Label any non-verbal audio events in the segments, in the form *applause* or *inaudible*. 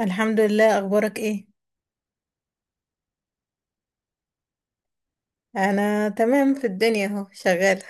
الحمد لله. اخبارك ايه؟ انا تمام في الدنيا اهو شغاله.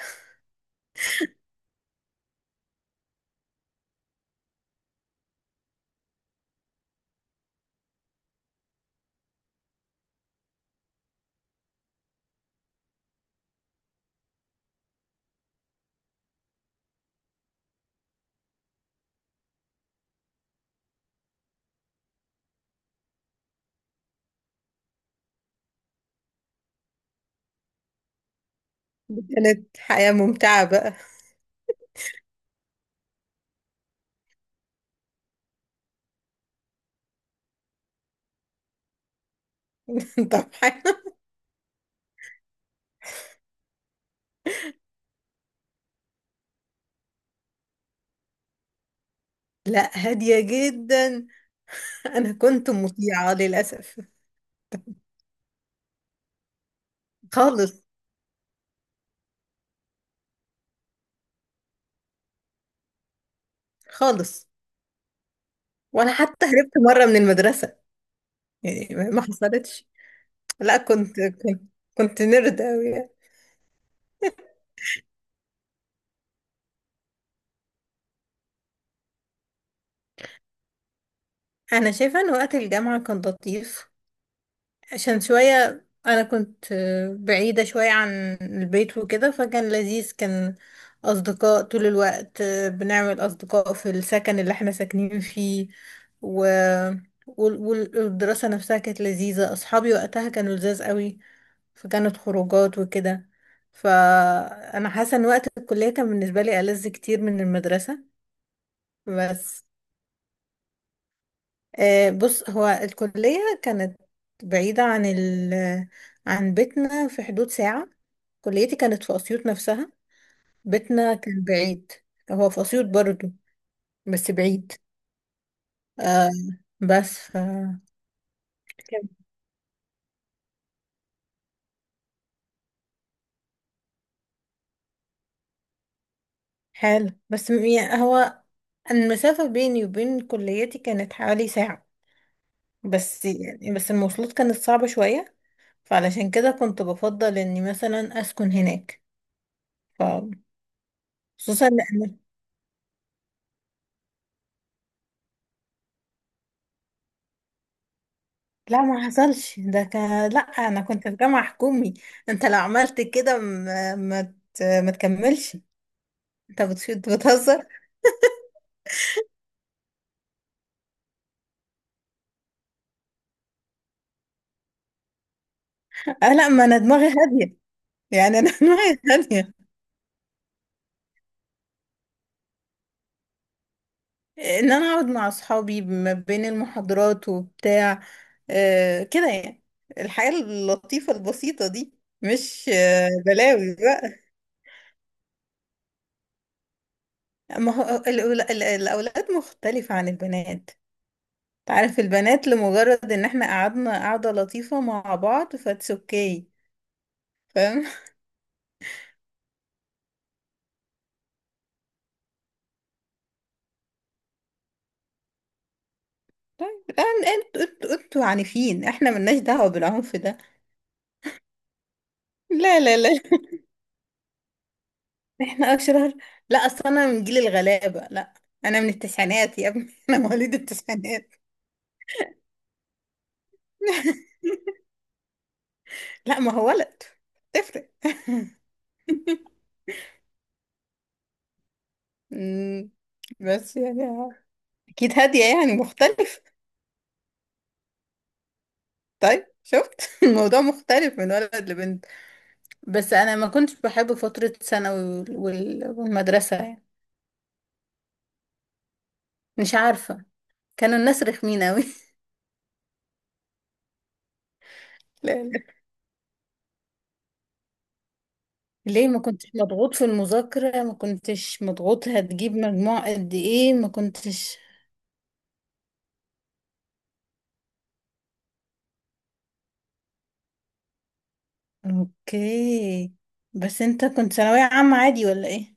كانت حياه ممتعه بقى. *laughs* طبعا. لا، هاديه جدا. انا كنت مطيعه للاسف. خالص. خالص. وانا حتى هربت مره من المدرسه، يعني ما حصلتش. لا، كنت كنت نرد قوي. انا شايفه ان وقت الجامعه كان لطيف، عشان شوية أنا كنت بعيدة شوية عن البيت وكده، فكان لذيذ. كان أصدقاء طول الوقت، بنعمل أصدقاء في السكن اللي احنا ساكنين فيه و... والدراسة نفسها كانت لذيذة. أصحابي وقتها كانوا لذاذ قوي، فكانت خروجات وكده. فأنا حاسة إن وقت الكلية كان بالنسبة لي ألذ كتير من المدرسة. بس بص، هو الكلية كانت بعيدة عن عن بيتنا، في حدود ساعة. كليتي كانت في أسيوط نفسها. بيتنا كان بعيد، هو في أسيوط برضو بس بعيد. آه، بس ف كان حلو، يعني هو المسافة بيني وبين كليتي كانت حوالي ساعة. بس يعني بس المواصلات كانت صعبة شوية، فعلشان كده كنت بفضل إني مثلا أسكن هناك. ف خصوصا لأن، لا ما حصلش ده. كان لا، انا كنت في جامعة حكومي، انت لو عملت كده ما ما ما تكملش. انت بتهزر. اه لا، ما انا دماغي هادية، يعني انا *laughs* دماغي هادية. ان انا اقعد مع اصحابي ما بين المحاضرات وبتاع، آه كده يعني، الحياة اللطيفة البسيطة دي. مش آه بلاوي بقى. ما هو الاولاد مختلفة عن البنات. تعرف، البنات لمجرد ان احنا قعدنا قعدة لطيفة مع بعض فاتس اوكي، فاهم؟ طيب، انتوا انتوا عنيفين، احنا ملناش دعوة بالعنف ده. لا لا لا، احنا اشرار؟ لا اصل انا من جيل الغلابة، لا انا من التسعينات يا ابني، *laughs* انا مواليد التسعينات. *laughs* لا، ما هو ولد، تفرق. *laughs* أمم، بس يعني آه، اكيد هادية يعني مختلف. طيب شفت، *laughs* الموضوع مختلف من ولد لبنت. بس انا ما كنتش بحب فترة ثانوي والمدرسة يعني. مش عارفة، كانوا الناس رخمين اوي. *laughs* لا، ليه؟ ما كنتش مضغوط في المذاكرة؟ ما كنتش مضغوط هتجيب مجموع قد ايه؟ ما كنتش. اوكي، بس انت كنت ثانوية عامة عادي ولا ايه؟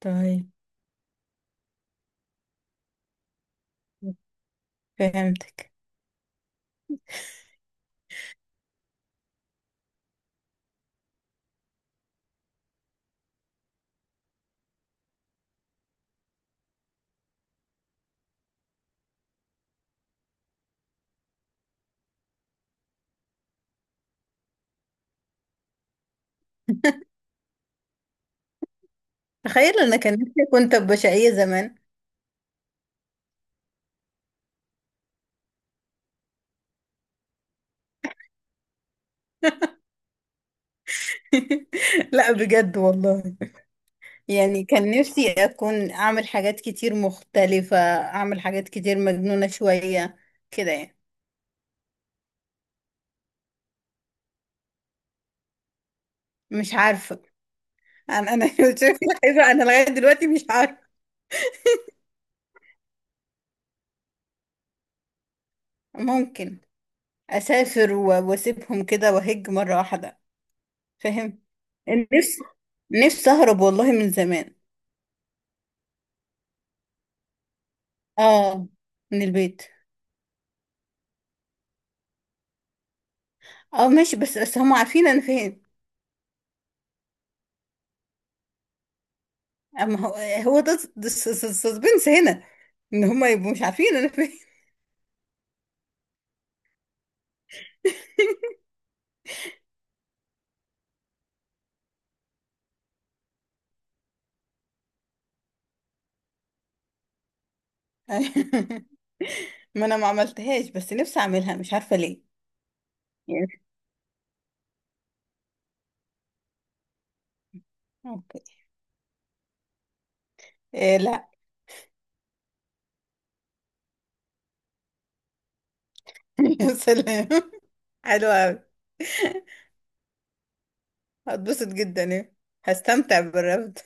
طيب، فهمتك. تخيل، انا كان نفسي كنت بشقية زمان. *laughs* لا بجد والله، يعني كان نفسي اكون اعمل حاجات كتير مختلفة، اعمل حاجات كتير مجنونة شوية، كده يعني. مش عارفة، انا *laughs* شايفة انا لغاية دلوقتي مش عارفة. ممكن واسيبهم كده واهج مره واحده، فاهم؟ نفسي، نفسي اهرب والله من زمان. اه، من البيت. اه ماشي، بس بس هم عارفين انا فين. اما هو، هو ده السسبنس هنا، ان هم يبقوا مش عارفين انا فين. *laughs* ما انا ما عملتهاش، بس نفسي اعملها مش عارفه ليه. يعني اوكي. إيه؟ لا. *laughs* يا سلام، حلوة أوي. هتبسط جدا إيه! هستمتع بالرفض.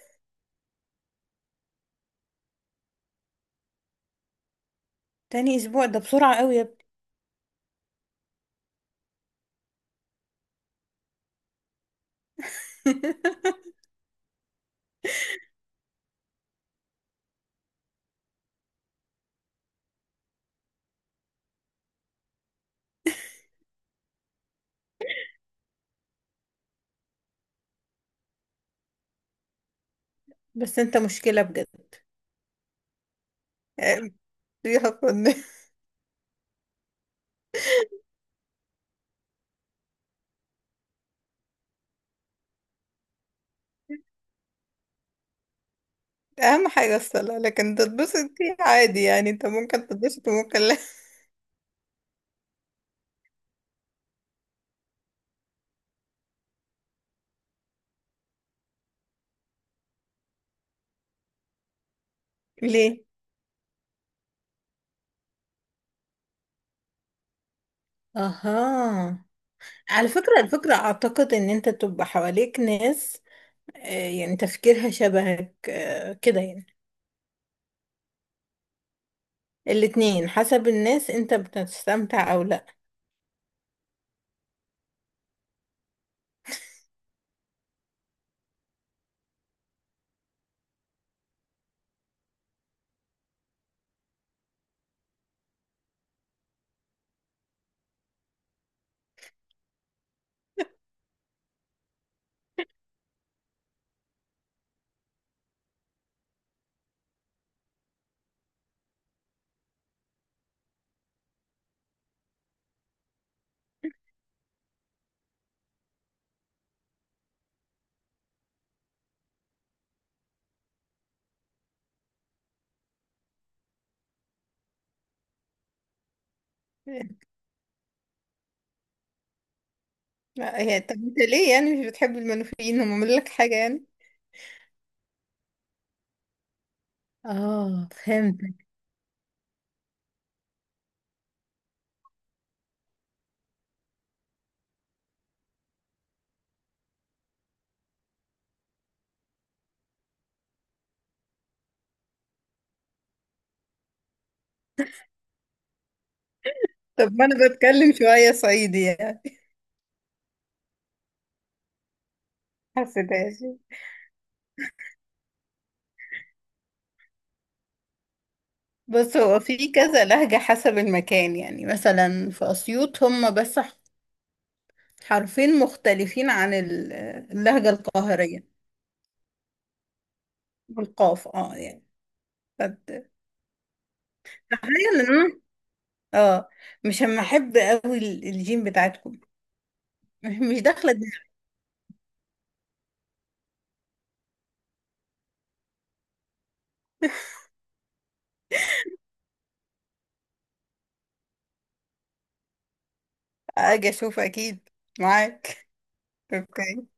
تاني اسبوع ده بسرعه قوي يا. *laughs* بس انت مشكلة بجد يعني، فيها فن. اهم حاجة الصلاة، لكن تتبسط فيه عادي يعني، انت ممكن تتبسط وممكن لا. *laughs* ليه؟ اها. على فكرة، الفكرة اعتقد ان انت تبقى حواليك ناس، آه، يعني تفكيرها شبهك، كده يعني. الاتنين، حسب الناس انت بتستمتع او لا. لا هي، طب انت ليه يعني مش بتحب المنوفيين؟ هم عملوا لك حاجة يعني؟ اه، فهمتك. طب ما انا بتكلم شوية صعيدي يعني، حسداسي. بص، هو في كذا لهجة حسب المكان. يعني مثلا في أسيوط هم بس حرفين مختلفين عن اللهجة القاهرية. بالقاف اه يعني، فت- تخيل ان انا، اه، مش هم احب قوي الجيم بتاعتكم. *laughs* مش داخلة دماغي. اجي اشوف اكيد، معاك. *laughs* اوكي.